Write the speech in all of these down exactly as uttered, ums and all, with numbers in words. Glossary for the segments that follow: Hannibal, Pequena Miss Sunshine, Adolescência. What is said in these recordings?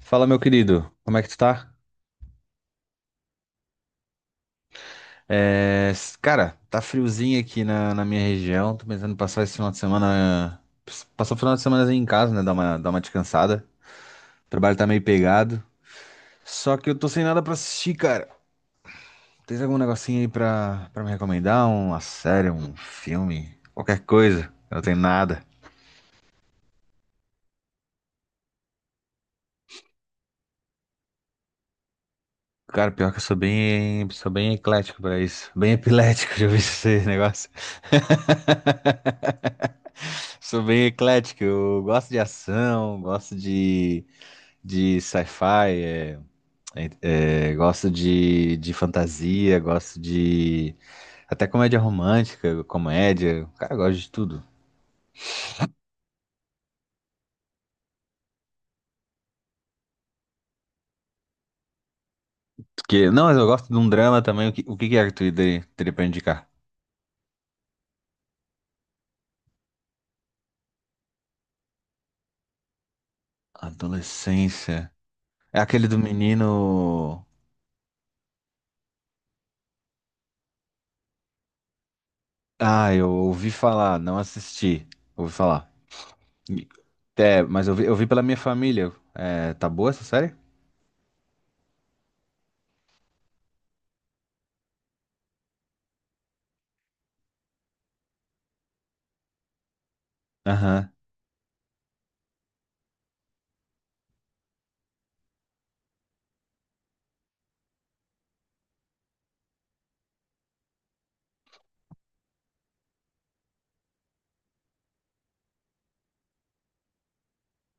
Fala, meu querido, como é que tu tá? É, s- cara, tá friozinho aqui na, na minha região. Tô pensando em passar esse final de semana. ps- Passar o final de semana em casa, né? Dar uma, dar uma descansada. O trabalho tá meio pegado. Só que eu tô sem nada pra assistir, cara. Tens algum negocinho aí pra, pra me recomendar? Uma série, um filme? Qualquer coisa. Eu não tenho nada. Cara, pior que eu sou bem, sou bem eclético pra isso. Bem epilético, já ouvi esse negócio. Sou bem eclético. Eu gosto de ação, gosto de. de sci-fi, é, é, é, gosto de, de fantasia, gosto de até comédia romântica, comédia, cara, eu gosto de tudo. Porque, não, mas eu gosto de um drama também. O que, o que que é que tu ide- teria pra indicar? Adolescência. É aquele do menino. Ah, eu ouvi falar, não assisti. Ouvi falar. E- É, mas eu vi, eu vi pela minha família. É, tá boa essa série? Aham,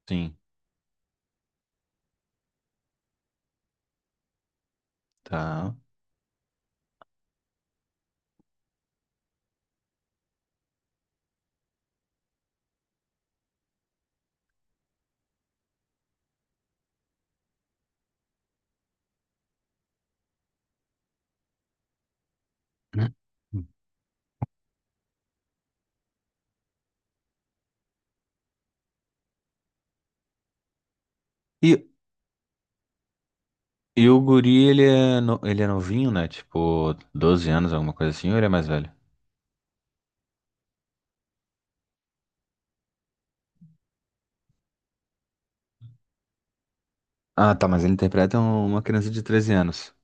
sim. Tá. E E o guri, ele é, no- ele é novinho, né? Tipo, doze anos, alguma coisa assim, ou ele é mais velho? Ah, tá, mas ele interpreta um- uma criança de treze anos.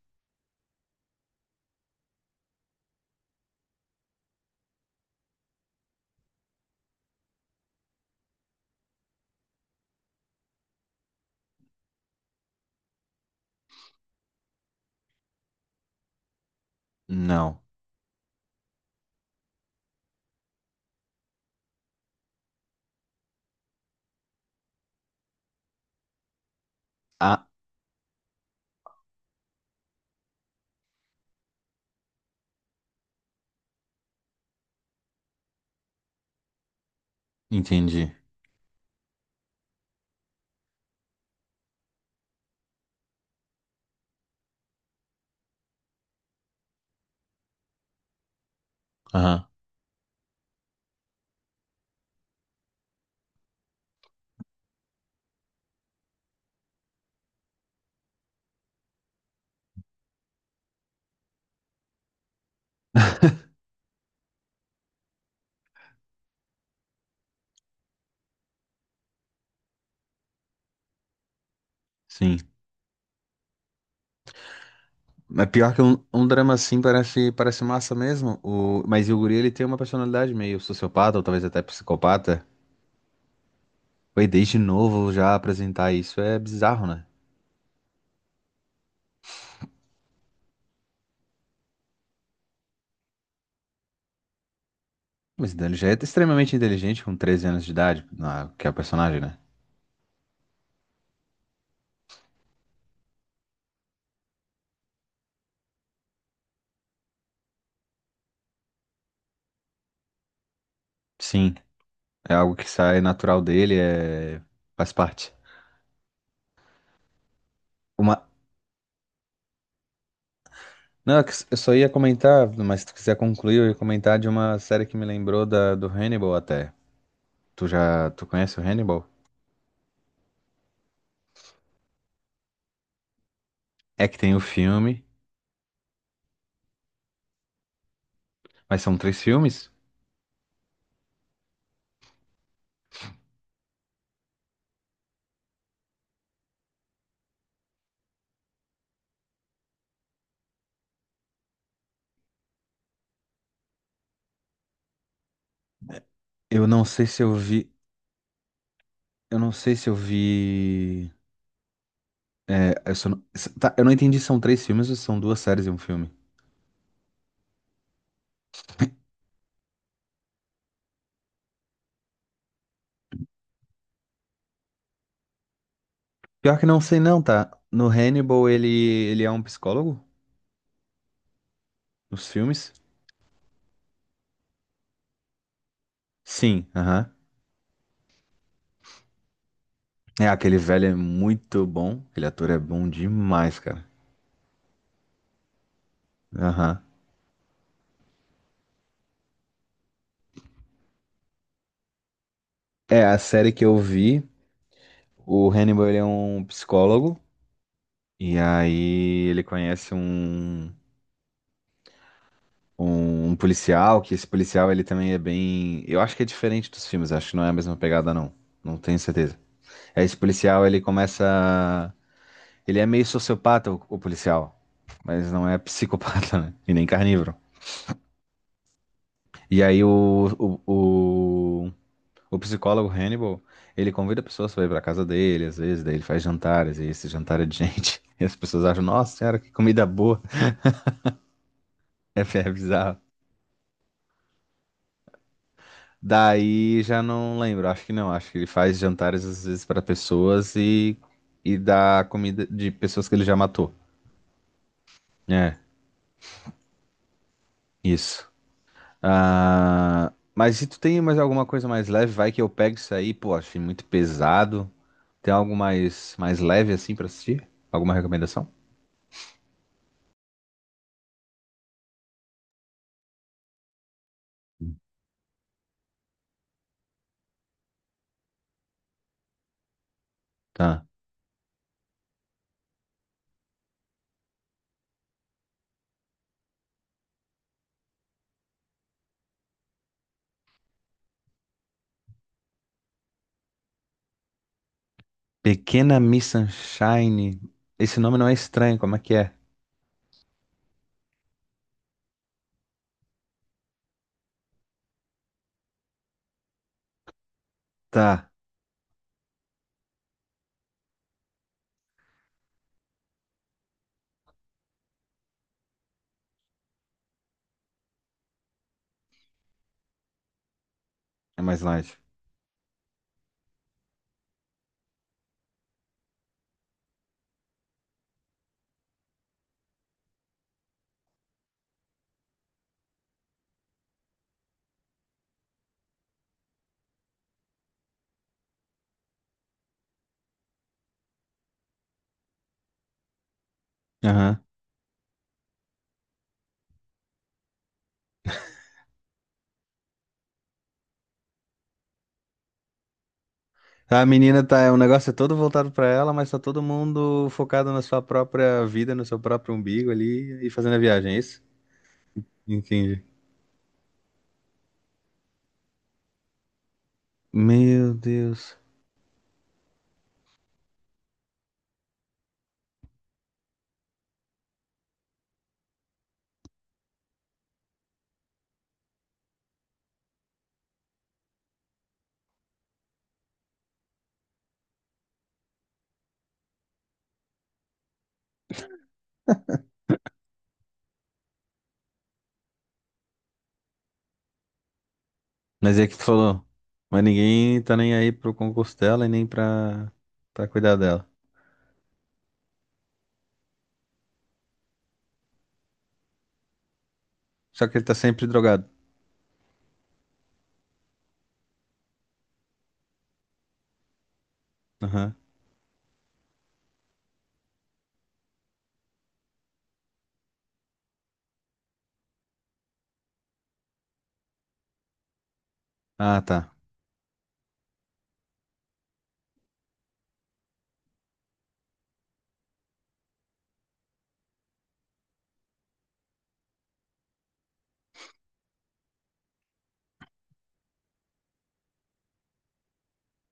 Não. Ah, entendi. Aham, sim. Mas pior que um, um drama assim parece, parece massa mesmo. O, mas e o guri, ele tem uma personalidade meio sociopata, ou talvez até psicopata. Foi desde novo já apresentar isso é bizarro, né? Mas então, ele já é extremamente inteligente com treze anos de idade, na- que é o personagem, né? Sim. É algo que sai natural dele, é faz parte. Uma. Não, é que eu só ia comentar, mas se tu quiser concluir, eu ia comentar de uma série que me lembrou da, do Hannibal até. Tu já, tu conhece o Hannibal? É que tem o filme, mas são três filmes. Eu não sei se eu vi, eu não sei se eu vi. É, eu, só não. Tá, eu não entendi se são três filmes ou se são duas séries e um filme. Pior que não sei não, tá? No Hannibal ele, ele é um psicólogo? Nos filmes? Sim, aham. É, aquele velho é muito bom. Aquele ator é bom demais, cara. Aham. É, a série que eu vi, o Hannibal ele é um psicólogo. E aí ele conhece um, um, um policial, que esse policial ele também é bem. Eu acho que é diferente dos filmes, acho que não é a mesma pegada, não. Não tenho certeza. É, esse policial ele começa. Ele é meio sociopata, o, o policial. Mas não é psicopata, né? E nem carnívoro. E aí o, o, o psicólogo Hannibal, ele convida pessoas para ir para casa dele, às vezes, daí ele faz jantares, e esse jantar é de gente. E as pessoas acham, nossa senhora, que comida boa. É, é bizarro. Daí já não lembro, acho que não, acho que ele faz jantares às vezes para pessoas e, e dá comida de pessoas que ele já matou. É, isso. Ah, mas se tu tem mais alguma coisa mais leve, vai que eu pego isso aí, pô, achei muito pesado. Tem algo mais, mais leve assim para assistir? Alguma recomendação? Tá. Pequena Miss Sunshine. Esse nome não é estranho, como é que é? Tá, é mais light. Aham. A menina tá, é, o negócio é todo voltado pra ela, mas tá todo mundo focado na sua própria vida, no seu próprio umbigo ali e fazendo a viagem, é isso? Entendi. Meu Deus. Mas é que tu falou, mas ninguém tá nem aí pro concurso dela e nem pra, pra cuidar dela. Só que ele tá sempre drogado. Aham. Ah, tá.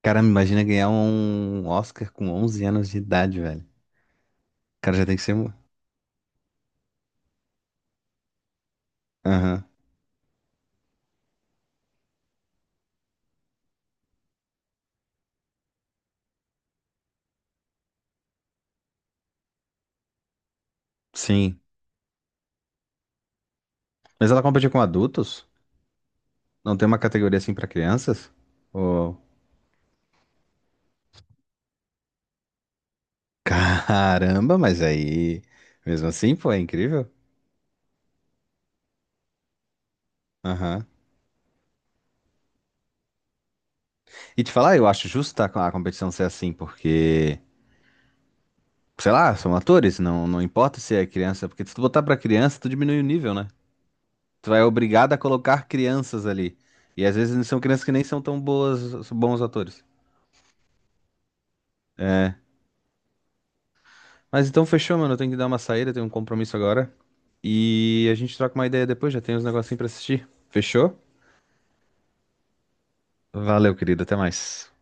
Cara, me imagina ganhar um Oscar com onze anos de idade, velho. O cara já tem que ser. Aham. Sim. Mas ela compete com adultos? Não tem uma categoria assim pra crianças? Oh. Caramba, mas aí. Mesmo assim, pô, é incrível. Aham. E te falar, eu acho justo tá, a competição ser assim, porque. Sei lá, são atores, não, não importa se é criança, porque se tu botar pra criança, tu diminui o nível, né? Tu é obrigado a colocar crianças ali. E às vezes são crianças que nem são tão boas, bons atores. É. Mas então fechou, mano. Eu tenho que dar uma saída, eu tenho um compromisso agora. E a gente troca uma ideia depois, já tem uns negocinhos pra assistir. Fechou? Valeu, querido. Até mais.